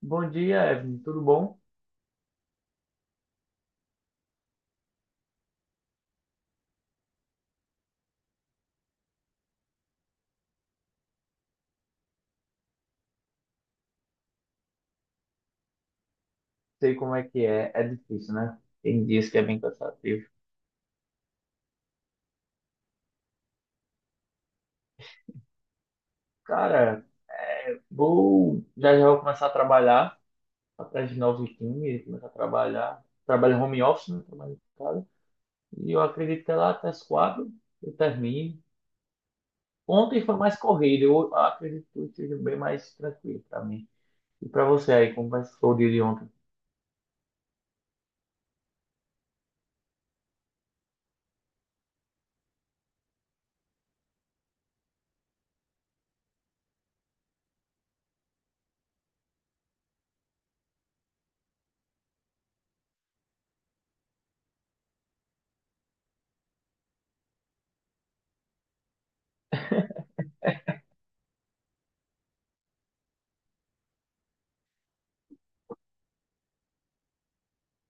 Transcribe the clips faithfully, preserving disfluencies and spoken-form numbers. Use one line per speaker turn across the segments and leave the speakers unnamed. Bom dia, Evelyn. Tudo bom? Sei como é que é. É difícil, né? Tem dias que é bem cansativo. Cara, vou já já vou começar a trabalhar atrás de novos times, começar a trabalhar. Trabalho home office, né? Trabalho em casa. E eu acredito que é lá até as quatro eu termine. Ontem foi mais corrido. Eu acredito que hoje seja bem mais tranquilo para mim. E para você aí, como vai ser o dia de ontem?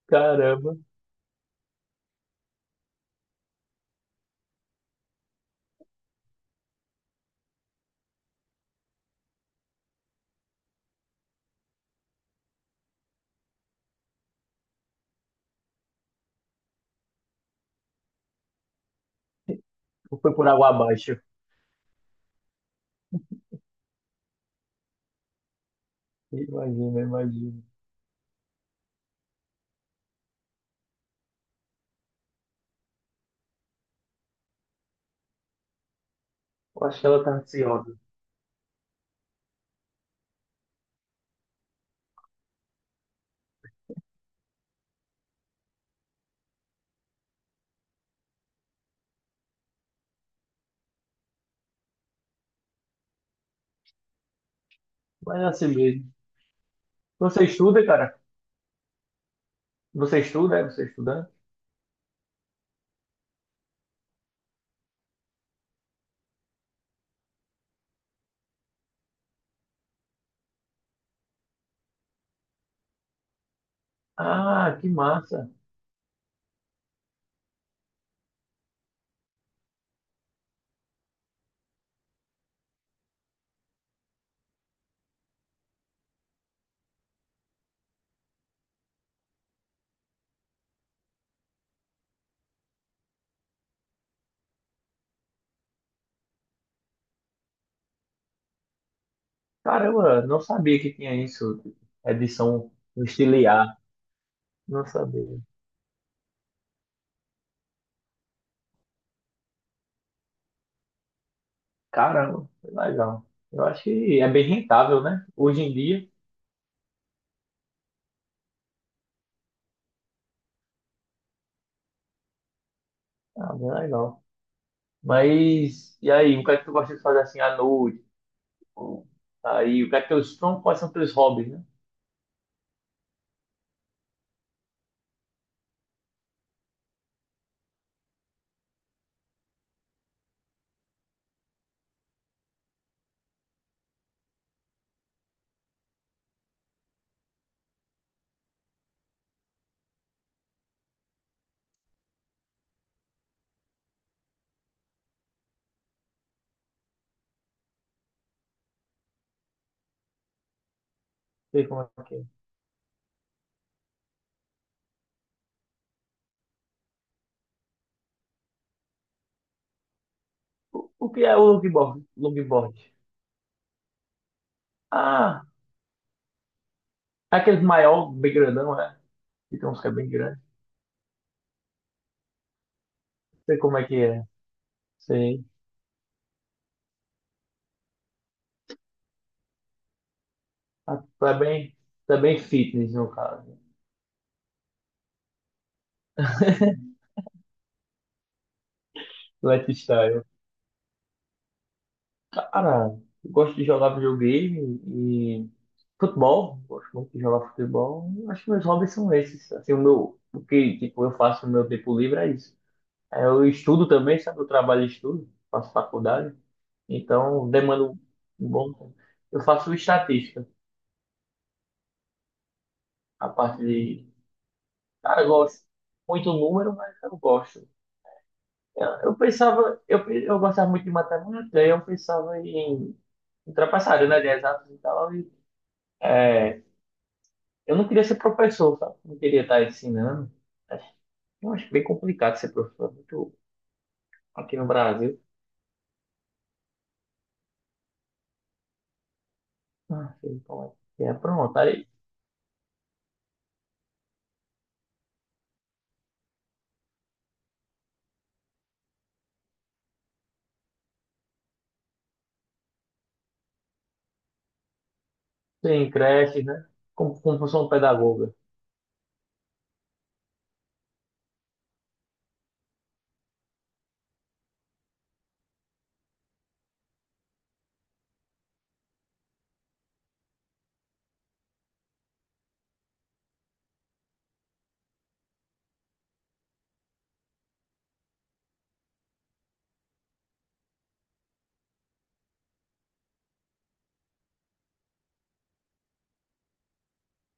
Caramba, foi por água abaixo. Imagina, imagina. Eu acho que ela tá ansiosa. Mas é assim mesmo. Você estuda, cara? Você estuda? É você é estudante? Ah, que massa! Caramba, não sabia que tinha isso. Edição no não sabia. Caramba, que legal. Eu acho que é bem rentável, né? Hoje em dia, ah, bem legal. Mas, e aí, o que é que tu gosta de fazer assim à noite? Ou, aí, o que é que teus, como- quais são teus hobbies, né? Não sei como é que é. O, o que é o longboard? Longboard. Ah, é aquele maior, bem grandão, né? Que tem uns que é bem grande. Não sei como é que é. Sei. Ah, tu é bem, tu é bem fitness, no caso. Lifestyle. Cara, eu gosto de jogar videogame e futebol. Gosto muito de jogar futebol. Acho que meus hobbies são esses. Assim, o meu, o que, tipo, eu faço no meu tempo livre é isso. Aí eu estudo também, sabe? Eu trabalho e estudo. Faço faculdade. Então, demanda um bom tempo. Eu faço estatística. A parte de... Cara, eu gosto muito do número, mas eu gosto. Eu pensava, eu, eu gostava muito de matemática, aí eu pensava em ultrapassar, né, de exatas e tal. e é, eu não queria ser professor, sabe? Não queria estar ensinando. Acho- Eu acho bem complicado ser professor, muito aqui no Brasil. Ah, sei como é que é. Pronto, aí tem creche, né? Como, como função pedagoga.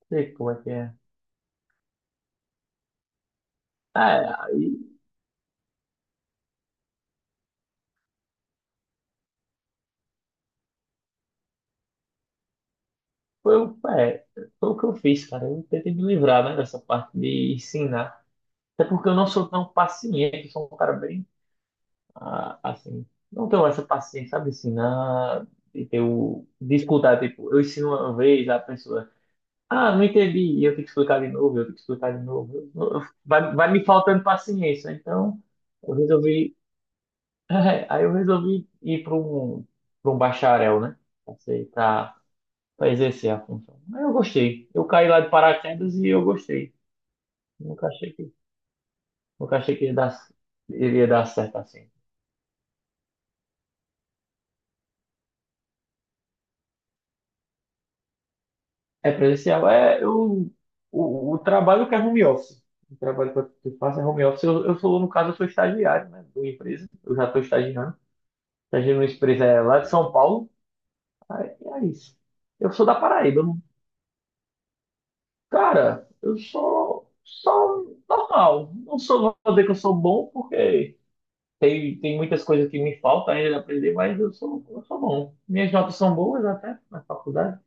Sei como é que é. Ah, é, aí foi, o- é, foi o que eu fiz, cara. Eu tentei me livrar, né, dessa parte de ensinar. Até porque eu não sou tão paciente, eu sou um cara bem a- assim, não tenho essa paciência, sabe, ensinar e ter o, de escutar, tipo, eu ensino uma vez a pessoa, ah, não entendi, e eu tenho que explicar de novo, eu tenho que explicar de novo, Eu- eu- vai, vai me faltando paciência, então eu resolvi, é, aí eu resolvi ir para um, para um bacharel, né, para para exercer a função. Aí eu gostei, eu caí lá de paraquedas e eu gostei, nunca achei que, nunca achei que ia dar, iria dar certo assim. É presencial. É, eu, o, o trabalho que é home office. O trabalho que eu que eu faço é home office. Eu, eu sou, no caso, eu sou estagiário, né, de uma empresa. Eu já estou estagiando. Estagiando numa empresa é, lá de São Paulo. Aí, é isso. Eu sou da Paraíba. Não- Cara, eu sou só normal. Não sou, não vou dizer que eu sou bom, porque tem, tem muitas coisas que me faltam ainda de aprender, mas eu sou, eu sou bom. Minhas notas são boas até na faculdade.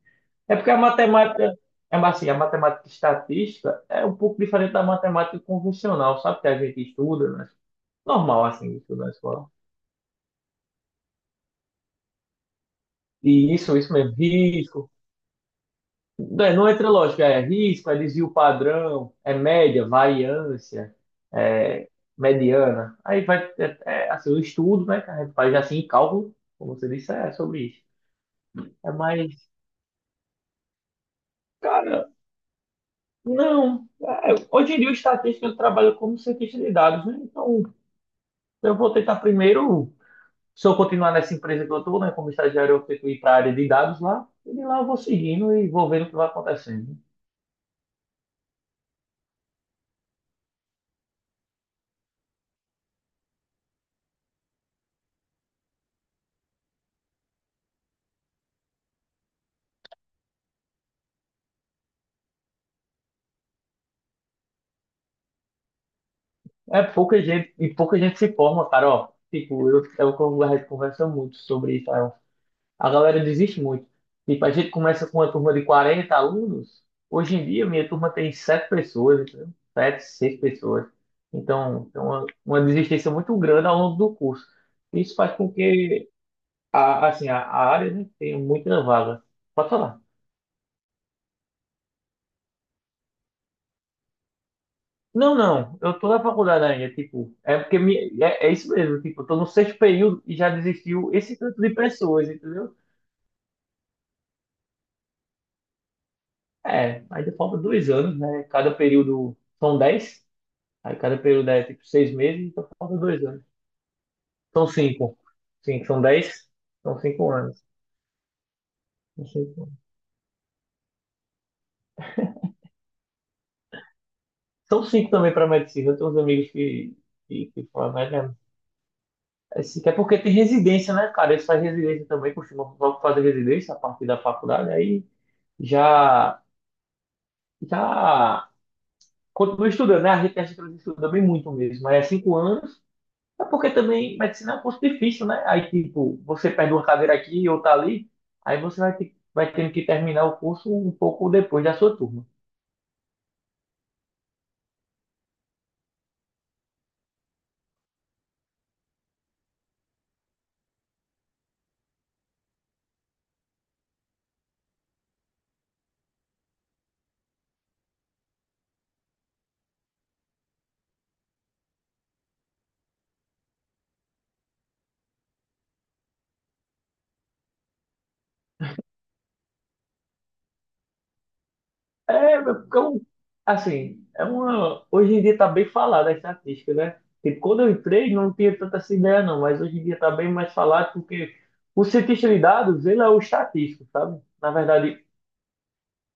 É porque a matemática, é assim, a matemática estatística é um pouco diferente da matemática convencional, sabe? Que a gente estuda, né? Normal, assim, estuda na escola. E isso, isso mesmo, risco. Não, é- não entra lógica, é risco, é desvio padrão, é média, variância, é mediana. Aí vai, é, é, assim, o estudo, né, que a gente faz assim, em cálculo, como você disse, é sobre isso. É mais, cara, não. É, hoje em dia o estatístico ele trabalha como cientista de dados, né? Então, eu vou tentar primeiro, se eu continuar nessa empresa que eu estou, né, como estagiário, eu tento ir para a área de dados lá, e de lá eu vou seguindo e vou vendo o que vai acontecendo. É pouca gente, e pouca gente se forma, cara, ó. Tipo, eu, é o que eu- a conversa muito sobre isso, Aaron. A galera desiste muito. Tipo, a gente começa com uma turma de quarenta alunos, hoje em dia minha turma tem sete pessoas, entendeu? Sete, seis pessoas. Então, tem uma, uma desistência muito grande ao longo do curso. Isso faz com que a, assim, a, a área, né, tem muita vaga. Pode falar. Não, não, eu tô na faculdade ainda, tipo, é porque me, é, é isso mesmo, tipo, eu tô no sexto período e já desistiu esse tanto de pessoas, entendeu? É, ainda falta dois anos, né? Cada período são dez, aí cada período é tipo seis meses, então falta dois anos. São cinco. Cinco, são dez, são cinco anos. São cinco, são cinco também para medicina, eu tenho uns amigos que, que, que falam, Esse, é porque tem residência, né, cara? Eles fazem residência também, costumam fazer residência a partir da faculdade, aí já, já continua estudando, né? A gente acha que eles estudam bem muito mesmo, mas é cinco anos, é porque também medicina é um curso difícil, né? Aí, tipo, você perde uma cadeira aqui e outra ali, aí você vai ter, vai tendo que terminar o curso um pouco depois da sua turma. É, porque eu, assim, é uma, hoje em dia está bem falada a estatística, né? Porque quando eu entrei não tinha tanta essa ideia não, mas hoje em dia está bem mais falado porque o cientista de dados, ele é o estatístico, sabe? Na verdade,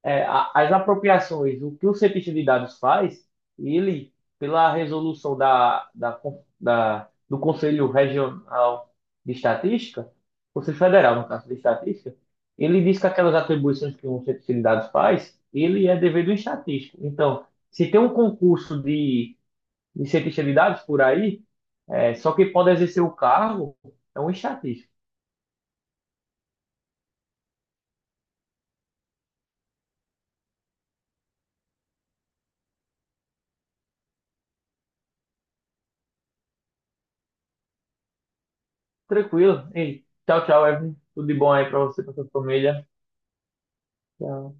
é, a- as apropriações, o que o cientista de dados faz, ele, pela resolução da, da, con- da- do Conselho Regional de Estatística, Conselho Federal, no caso de Estatística, ele diz que aquelas atribuições que um cientista de dados faz, ele é dever do estatístico. Então, se tem um concurso de, de cientista de dados por aí, é, só quem pode exercer o cargo é um estatístico. Tranquilo. Ei, tchau, tchau, Evelyn. Tudo de bom aí para você, para sua família. Tchau.